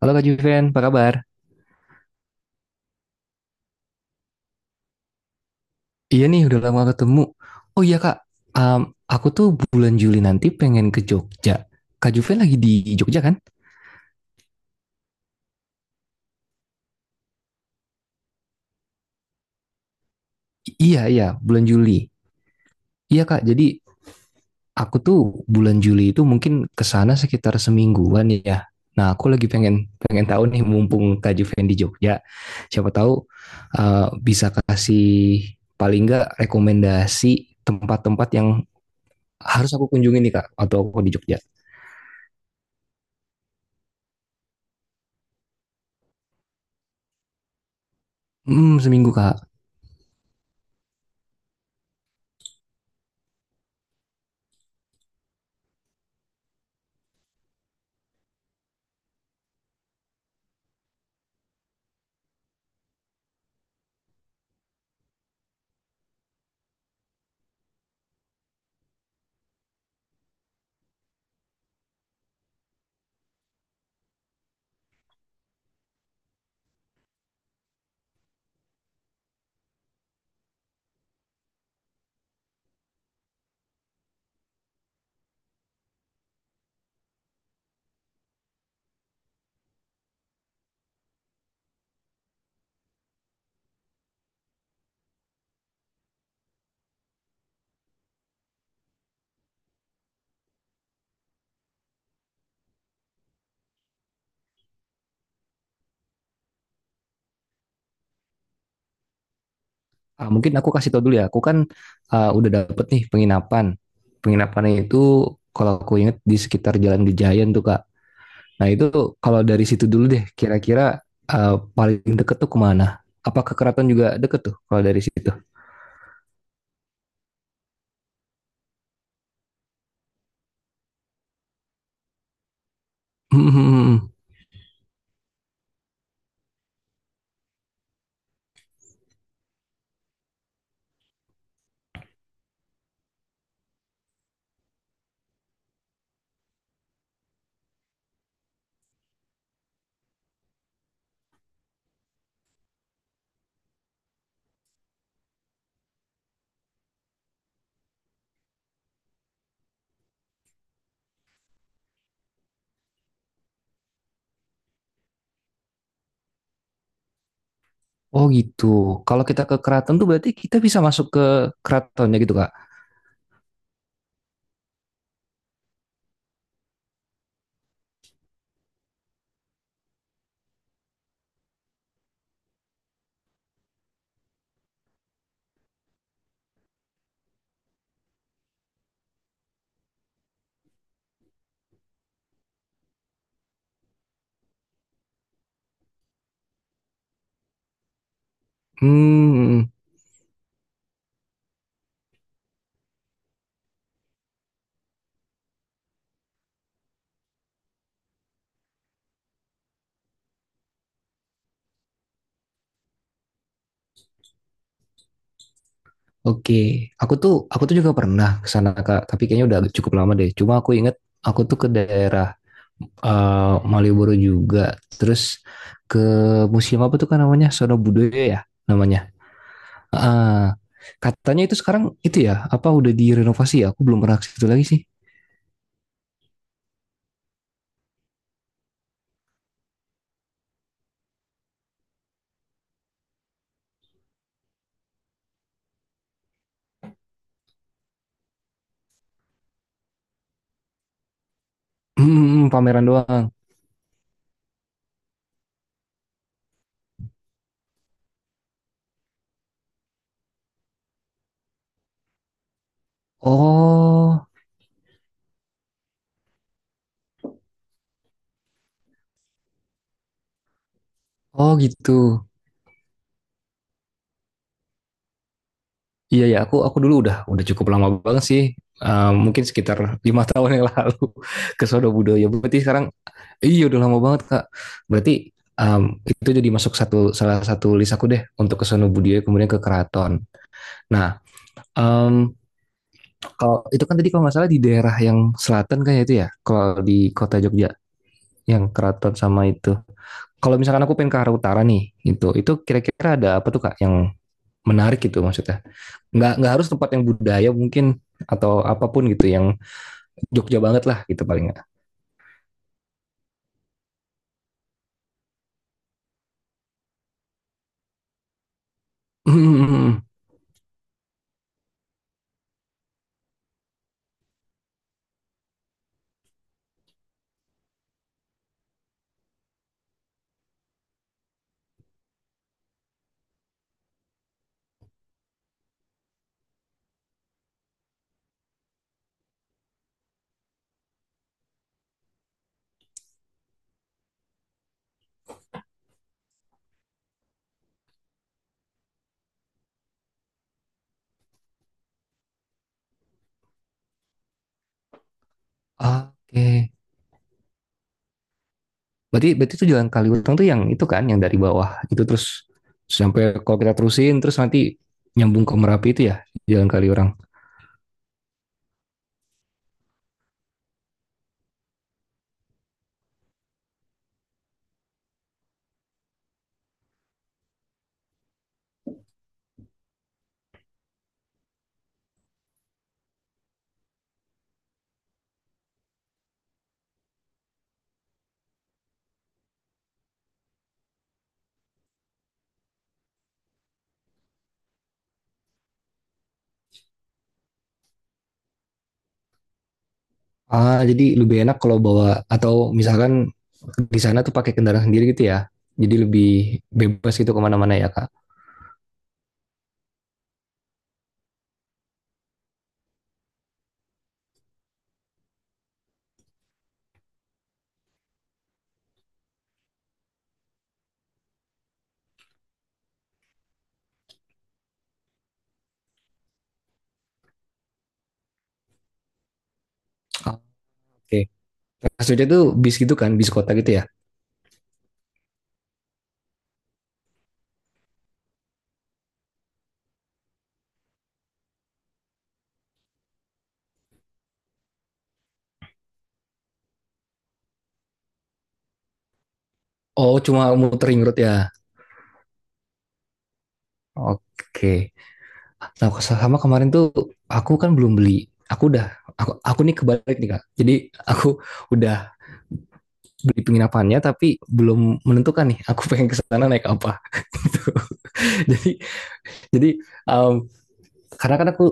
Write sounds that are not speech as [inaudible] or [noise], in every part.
Halo Kak Juven, apa kabar? Iya nih, udah lama ketemu. Oh iya Kak, um, aku tuh bulan Juli nanti pengen ke Jogja. Kak Juven lagi di Jogja kan? Iya, bulan Juli. Iya Kak, jadi aku tuh bulan Juli itu mungkin ke sana sekitar semingguan ya. Nah, aku lagi pengen pengen tahu nih mumpung Kak Juven di Jogja, siapa tahu uh, bisa kasih paling nggak rekomendasi tempat-tempat yang harus aku kunjungi nih Kak, atau aku di Jogja. Hmm, seminggu Kak. Ah, mungkin aku kasih tau dulu ya. Aku kan udah dapet nih penginapan. Penginapannya itu kalau aku inget di sekitar Jalan Gejayan tuh Kak. Nah itu kalau dari situ dulu deh. Kira-kira ah, paling deket tuh kemana? Apa ke keraton juga deket tuh kalau dari situ? [laughs] Hmm. Oh gitu. Kalau kita ke keraton tuh berarti kita bisa masuk ke keratonnya gitu Kak. Hmm. Oke, aku tuh juga pernah ke sana Kak, tapi kayaknya udah cukup lama deh. Cuma aku inget aku tuh ke daerah Malioboro juga. Terus ke museum apa tuh kan namanya? Sono Budoyo ya namanya. Ah, katanya itu sekarang itu ya, apa udah direnovasi ya? Aku belum pernah ke situ lagi sih. Hmm, pameran doang. Oh, oh gitu. Iya ya, aku dulu udah cukup lama banget sih. Eh, mungkin sekitar 5 [laughs] tahun yang lalu ke Sono Budoyo. Berarti sekarang iya udah lama banget Kak. Berarti Um, itu jadi masuk satu salah satu list aku deh untuk ke Sono Budoyo kemudian ke Keraton. Nah, em, kalau itu kan tadi kalau nggak salah di daerah yang selatan kan ya itu ya, kalau di kota Jogja yang keraton sama itu. Kalau misalkan aku pengen ke arah utara nih, gitu, itu kira-kira ada apa tuh Kak yang menarik gitu maksudnya? Nggak harus tempat yang budaya mungkin atau apapun gitu yang Jogja banget lah gitu paling nggak. [laughs] Oke, berarti berarti itu jalan Kaliutang tuh yang itu kan yang dari bawah itu terus sampai kalau kita terusin terus nanti nyambung ke Merapi itu ya jalan Kaliurang. Ah, jadi lebih enak kalau bawa atau misalkan di sana tuh pakai kendaraan sendiri gitu ya. Jadi lebih bebas gitu kemana-mana ya kak. Ah, oke. Maksudnya tuh bis gitu kan, bis kota gitu ya. Oh, cuma muter ring road ya. Oke. Nah, sama kemarin tuh aku kan belum beli. Aku udah, aku nih kebalik nih kak. Jadi aku [laughs] udah beli penginapannya tapi belum menentukan nih. Aku pengen ke sana naik apa. [laughs] Jadi, jadi, um, karena kan aku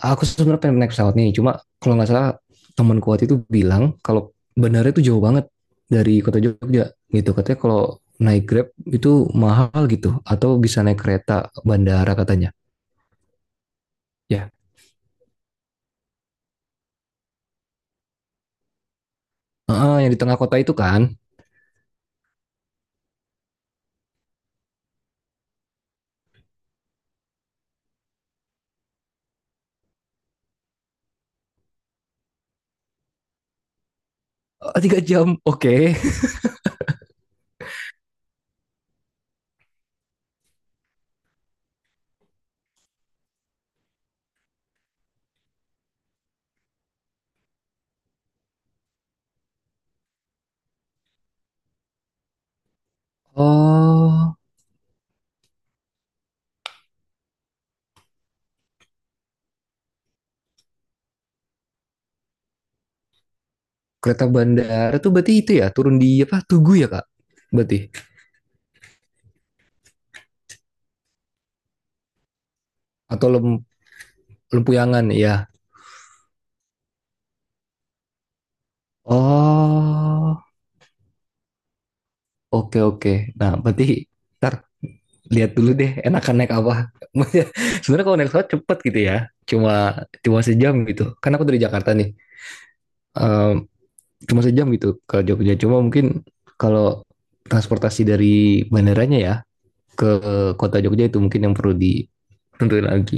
aku sebenarnya pengen naik pesawat nih cuma kalau nggak salah teman kuat itu bilang kalau bandara itu jauh banget dari kota Jogja gitu katanya kalau naik Grab itu mahal gitu atau bisa naik kereta bandara katanya ya. Ah, yang di tengah kota itu kan. Ah, tiga jam, oke. Okay. oh kereta bandara tuh berarti itu ya turun di apa Tugu ya kak, berarti, atau Lem- Lempuyangan ya. Oh, oke. Okay, oke. Okay. Nah berarti kita lihat dulu deh enakan naik apa. [laughs] Sebenarnya kalau naik pesawat cepet gitu ya, cuma cuma sejam gitu. Kan aku dari Jakarta nih, Ehm, cuma sejam gitu ke Jogja. Cuma mungkin kalau transportasi dari bandaranya ya ke kota Jogja itu mungkin yang perlu ditentuin lagi.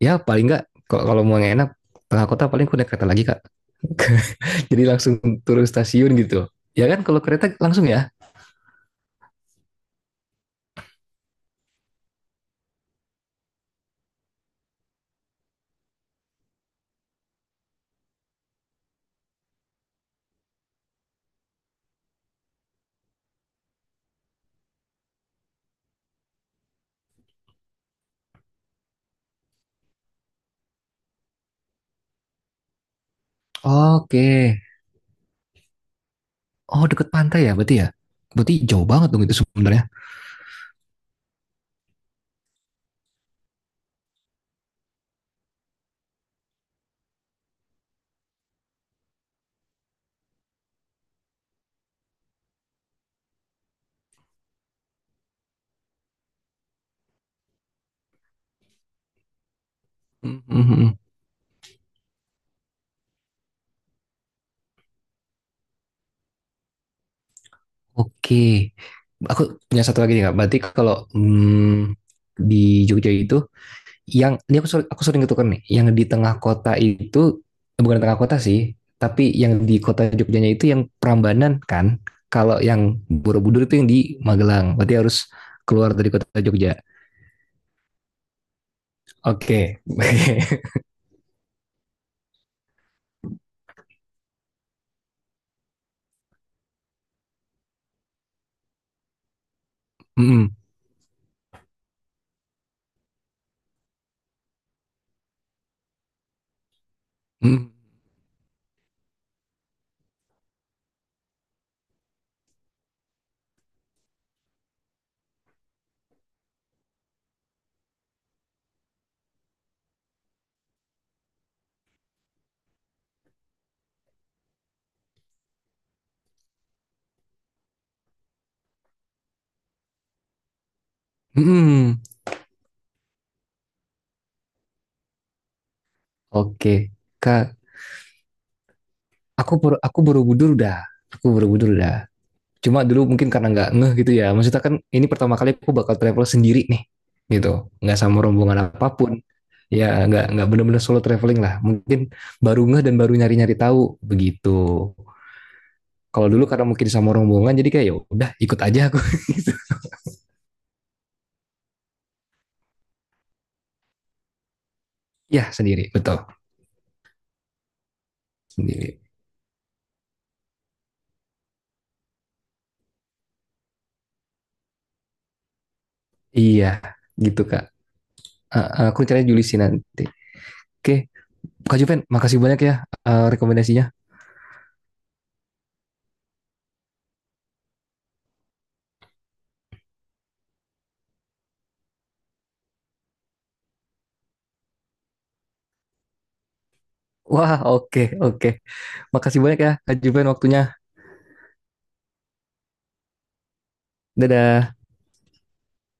Ya paling nggak kalau mau yang enak tengah kota paling aku naik kereta lagi kak. [laughs] Jadi langsung turun stasiun gitu. Ya kan kalau kereta langsung ya. Oke. Oh deket pantai ya. Berarti jauh banget dong itu sebenarnya. Mm, mm, mm. Oke, aku punya satu lagi nih kak. Berarti kalau hmm, di Jogja itu, yang ini aku sering ketukar nih, yang di tengah kota itu, bukan tengah kota sih, tapi yang di kota Jogjanya itu yang Prambanan kan. Kalau yang Borobudur itu yang di Magelang. Berarti harus keluar dari kota Jogja. Oke. [laughs] Mm-mm. Mm-mm. Mm. Mm-mm. Oke, kak. Aku Bor- aku Borobudur udah. Aku Borobudur udah. Cuma dulu mungkin karena nggak ngeh gitu ya. Maksudnya kan ini pertama kali aku bakal travel sendiri nih gitu. Nggak sama rombongan apapun. Ya nggak benar-benar solo traveling lah. Mungkin baru ngeh dan baru nyari-nyari tahu begitu. Kalau dulu karena mungkin sama rombongan jadi kayak ya udah ikut aja aku. [laughs] Ya sendiri betul sendiri. Iya gitu kak. Eh, aku caranya Julisi nanti. Oke, Kak Juven, makasih banyak ya eh, rekomendasinya. Wah, oke, oke. Makasih banyak ya, Kak Juven waktunya. Dadah.